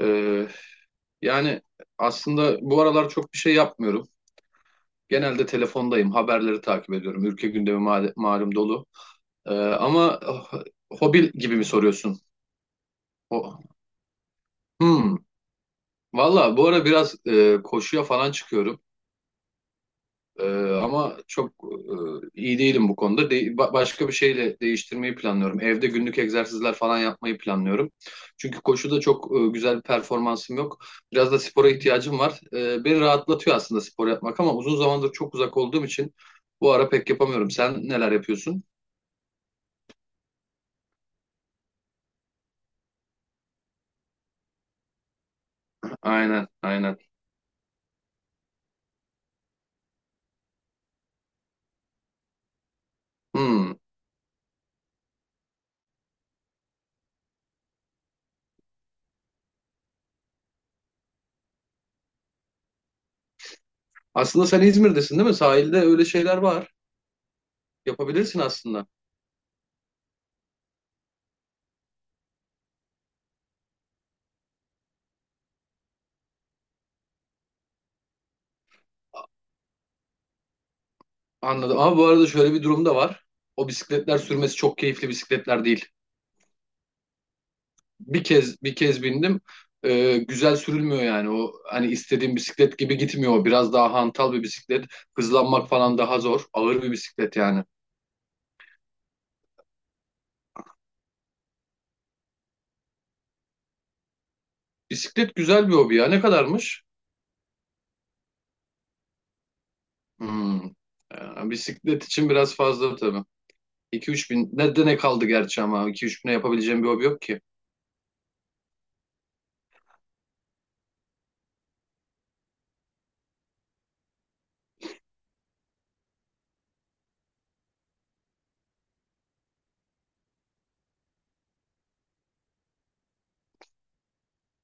Ee, Yani aslında bu aralar çok bir şey yapmıyorum. Genelde telefondayım, haberleri takip ediyorum. Ülke gündemi malum dolu. Ama hobi gibi mi soruyorsun? O, hmm. Valla bu ara biraz koşuya falan çıkıyorum. Ama çok iyi değilim bu konuda. Başka bir şeyle değiştirmeyi planlıyorum. Evde günlük egzersizler falan yapmayı planlıyorum. Çünkü koşuda çok güzel bir performansım yok. Biraz da spora ihtiyacım var. Beni rahatlatıyor aslında spor yapmak, ama uzun zamandır çok uzak olduğum için bu ara pek yapamıyorum. Sen neler yapıyorsun? Aynen, aynen. Hmm. Aslında sen İzmir'desin, değil mi? Sahilde öyle şeyler var. Yapabilirsin aslında. Anladım. Ama bu arada şöyle bir durum da var. O bisikletler sürmesi çok keyifli bisikletler değil. Bir kez bindim. Güzel sürülmüyor yani, o hani istediğim bisiklet gibi gitmiyor. O biraz daha hantal bir bisiklet. Hızlanmak falan daha zor. Ağır bir bisiklet yani. Bisiklet güzel bir hobi ya. Ne kadarmış? Hmm. Bisiklet için biraz fazla tabii. iki üç bin. Ne de ne kaldı gerçi ama. İki üç bine yapabileceğim bir hobi yok ki.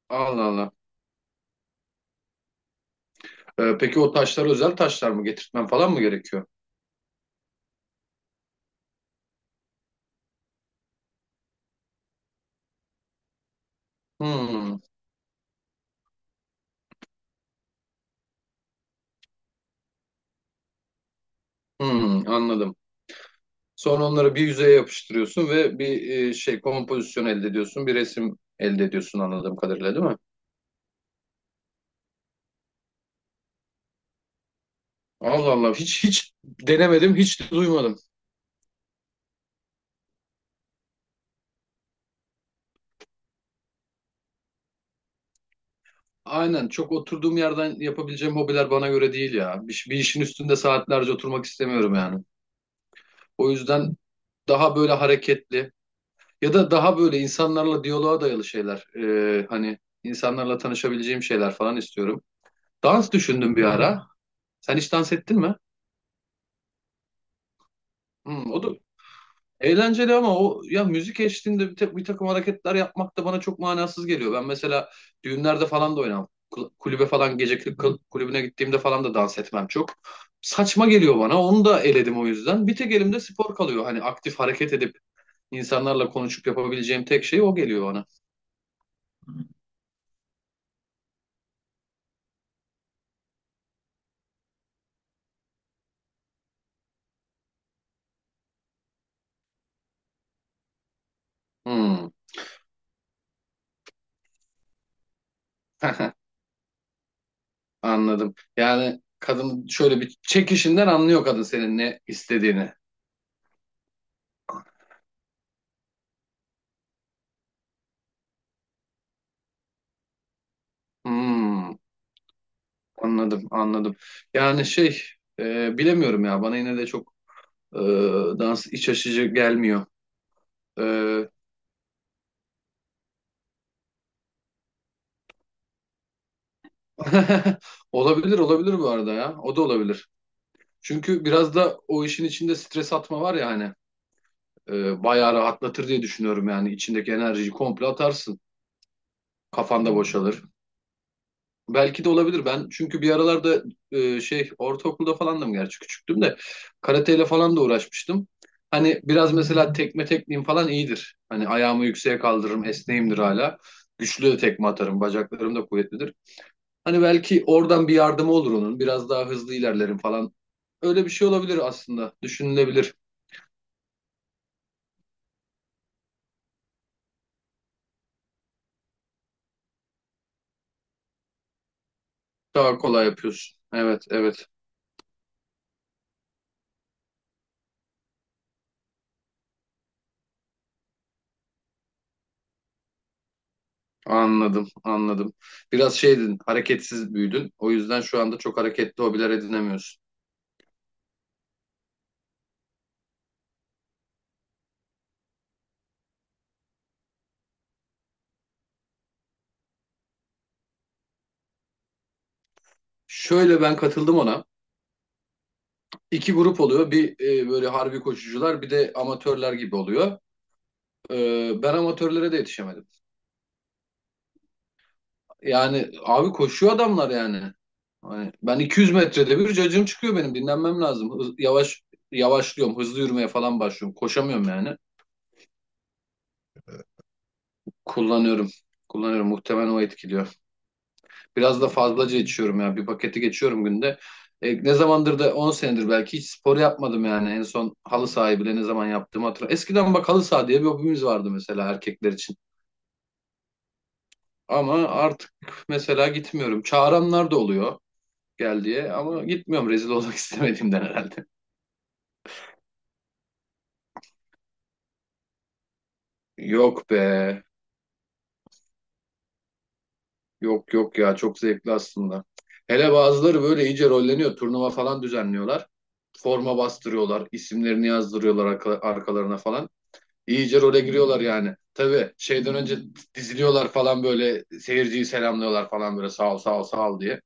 Allah Allah. Peki o taşlar özel taşlar mı? Getirtmem falan mı gerekiyor? Hmm. Hmm. Anladım. Sonra onları bir yüzeye yapıştırıyorsun ve bir kompozisyon elde ediyorsun. Bir resim elde ediyorsun anladığım kadarıyla, değil mi? Allah Allah, hiç denemedim, hiç de duymadım. Aynen, çok oturduğum yerden yapabileceğim hobiler bana göre değil ya. Bir işin üstünde saatlerce oturmak istemiyorum yani. O yüzden daha böyle hareketli ya da daha böyle insanlarla diyaloğa dayalı şeyler. Hani insanlarla tanışabileceğim şeyler falan istiyorum. Dans düşündüm bir ara. Sen hiç dans ettin mi? O da eğlenceli, ama o ya müzik eşliğinde bir takım hareketler yapmak da bana çok manasız geliyor. Ben mesela düğünlerde falan da oynamam. Kulübe falan, gece kulübüne gittiğimde falan da dans etmem çok. Saçma geliyor bana. Onu da eledim o yüzden. Bir tek elimde spor kalıyor. Hani aktif hareket edip insanlarla konuşup yapabileceğim tek şey o geliyor bana. Hmm. Anladım. Yani kadın şöyle bir çekişinden anlıyor kadın senin ne istediğini. Hmm. Anladım, anladım. Yani bilemiyorum ya. Bana yine de çok Ee, dans iç açıcı gelmiyor. Ee, Olabilir olabilir bu arada ya. O da olabilir. Çünkü biraz da o işin içinde stres atma var ya hani. Bayağı rahatlatır diye düşünüyorum yani. İçindeki enerjiyi komple atarsın. Kafanda boşalır. Belki de olabilir. Ben çünkü bir aralarda ortaokulda falandım, gerçi küçüktüm de karateyle falan da uğraşmıştım. Hani biraz mesela tekme tekniğim falan iyidir. Hani ayağımı yükseğe kaldırırım, esneğimdir hala. Güçlü de tekme atarım, bacaklarım da kuvvetlidir. Hani belki oradan bir yardımı olur onun. Biraz daha hızlı ilerlerim falan. Öyle bir şey olabilir aslında. Düşünülebilir. Daha kolay yapıyorsun. Evet, evet. Anladım, anladım. Biraz şeydin, hareketsiz büyüdün. O yüzden şu anda çok hareketli hobiler edinemiyorsun. Şöyle ben katıldım ona. İki grup oluyor. Bir böyle harbi koşucular, bir de amatörler gibi oluyor. Ben amatörlere de yetişemedim. Yani abi koşuyor adamlar yani. Hani ben 200 metrede bir cacığım çıkıyor benim. Dinlenmem lazım. Yavaşlıyorum. Hızlı yürümeye falan başlıyorum. Koşamıyorum yani. Kullanıyorum. Kullanıyorum. Muhtemelen o etkiliyor. Biraz da fazlaca içiyorum ya. Bir paketi geçiyorum günde. Ne zamandır da 10 senedir belki hiç spor yapmadım yani. En son halı sahayı bile ne zaman yaptığımı hatırlamıyorum. Eskiden bak, halı saha diye bir hobimiz vardı mesela erkekler için. Ama artık mesela gitmiyorum. Çağıranlar da oluyor, gel diye, ama gitmiyorum, rezil olmak istemediğimden herhalde. Yok be. Yok yok ya, çok zevkli aslında. Hele bazıları böyle iyice rolleniyor. Turnuva falan düzenliyorlar. Forma bastırıyorlar. İsimlerini yazdırıyorlar arkalarına falan. İyice role giriyorlar yani. Tabii şeyden önce diziliyorlar falan, böyle seyirciyi selamlıyorlar falan, böyle sağ ol sağ ol sağ ol diye.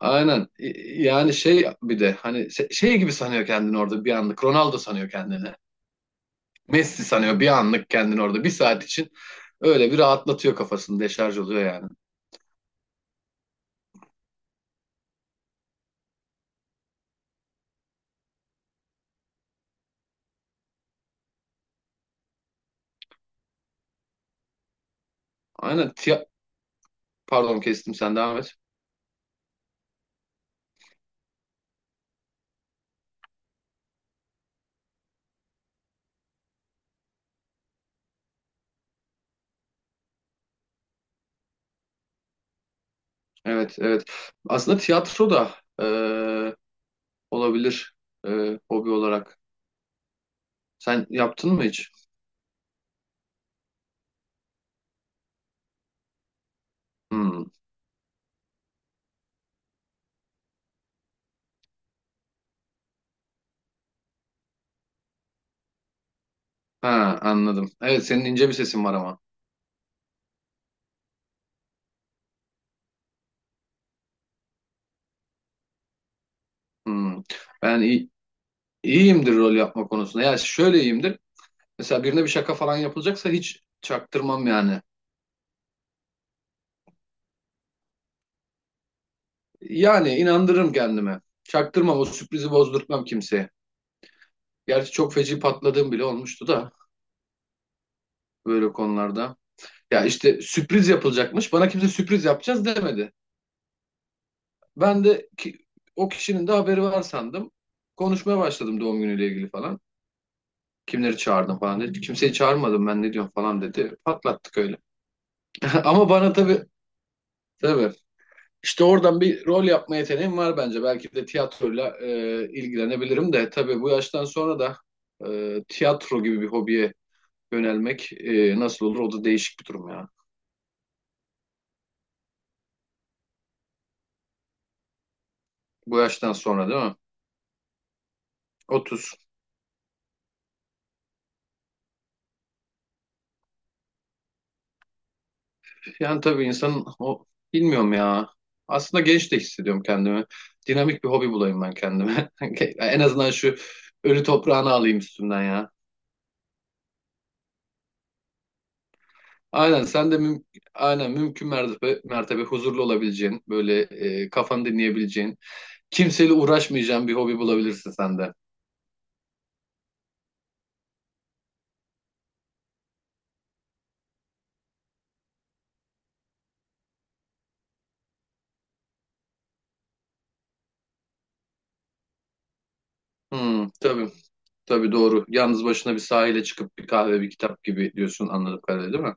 Aynen. Yani bir de hani gibi sanıyor kendini orada bir anlık. Ronaldo sanıyor kendini. Messi sanıyor bir anlık kendini orada, bir saat için öyle bir rahatlatıyor kafasını, deşarj oluyor yani. Aynen, pardon, kestim, sen devam et. Evet, evet, aslında tiyatro da e, olabilir hobi olarak. Sen yaptın mı hiç? Hmm. Ha, anladım. Evet, senin ince bir sesin var ama. Hmm. Ben iyi, iyiyimdir rol yapma konusunda. Ya şöyle iyiyimdir. Mesela birine bir şaka falan yapılacaksa hiç çaktırmam yani. Yani inandırırım kendime. Çaktırmam, o sürprizi bozdurtmam kimseye. Gerçi çok feci patladığım bile olmuştu da böyle konularda. Ya işte sürpriz yapılacakmış. Bana kimse sürpriz yapacağız demedi. Ben de ki, o kişinin de haberi var sandım. Konuşmaya başladım doğum günüyle ilgili falan. Kimleri çağırdım falan dedi. Kimseyi çağırmadım, ben ne diyorum falan dedi. Patlattık öyle. Ama bana tabii, tabii işte oradan bir rol yapma yeteneğim var bence. Belki de tiyatroyla ilgilenebilirim de, tabii bu yaştan sonra da tiyatro gibi bir hobiye yönelmek nasıl olur, o da değişik bir durum ya. Bu yaştan sonra değil mi? 30. Yani tabii insanın o, bilmiyorum ya. Aslında genç de hissediyorum kendimi. Dinamik bir hobi bulayım ben kendime. En azından şu ölü toprağını alayım üstünden ya. Aynen, sen de müm aynen mümkün mertebe huzurlu olabileceğin, böyle kafanı dinleyebileceğin, kimseyle uğraşmayacağın bir hobi bulabilirsin sen de. Hmm, tabii, tabii doğru. Yalnız başına bir sahile çıkıp bir kahve, bir kitap gibi diyorsun anladık kadarıyla, değil mi?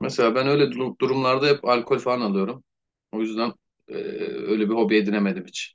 Mesela ben öyle durumlarda hep alkol falan alıyorum. O yüzden e, öyle bir hobi edinemedim hiç.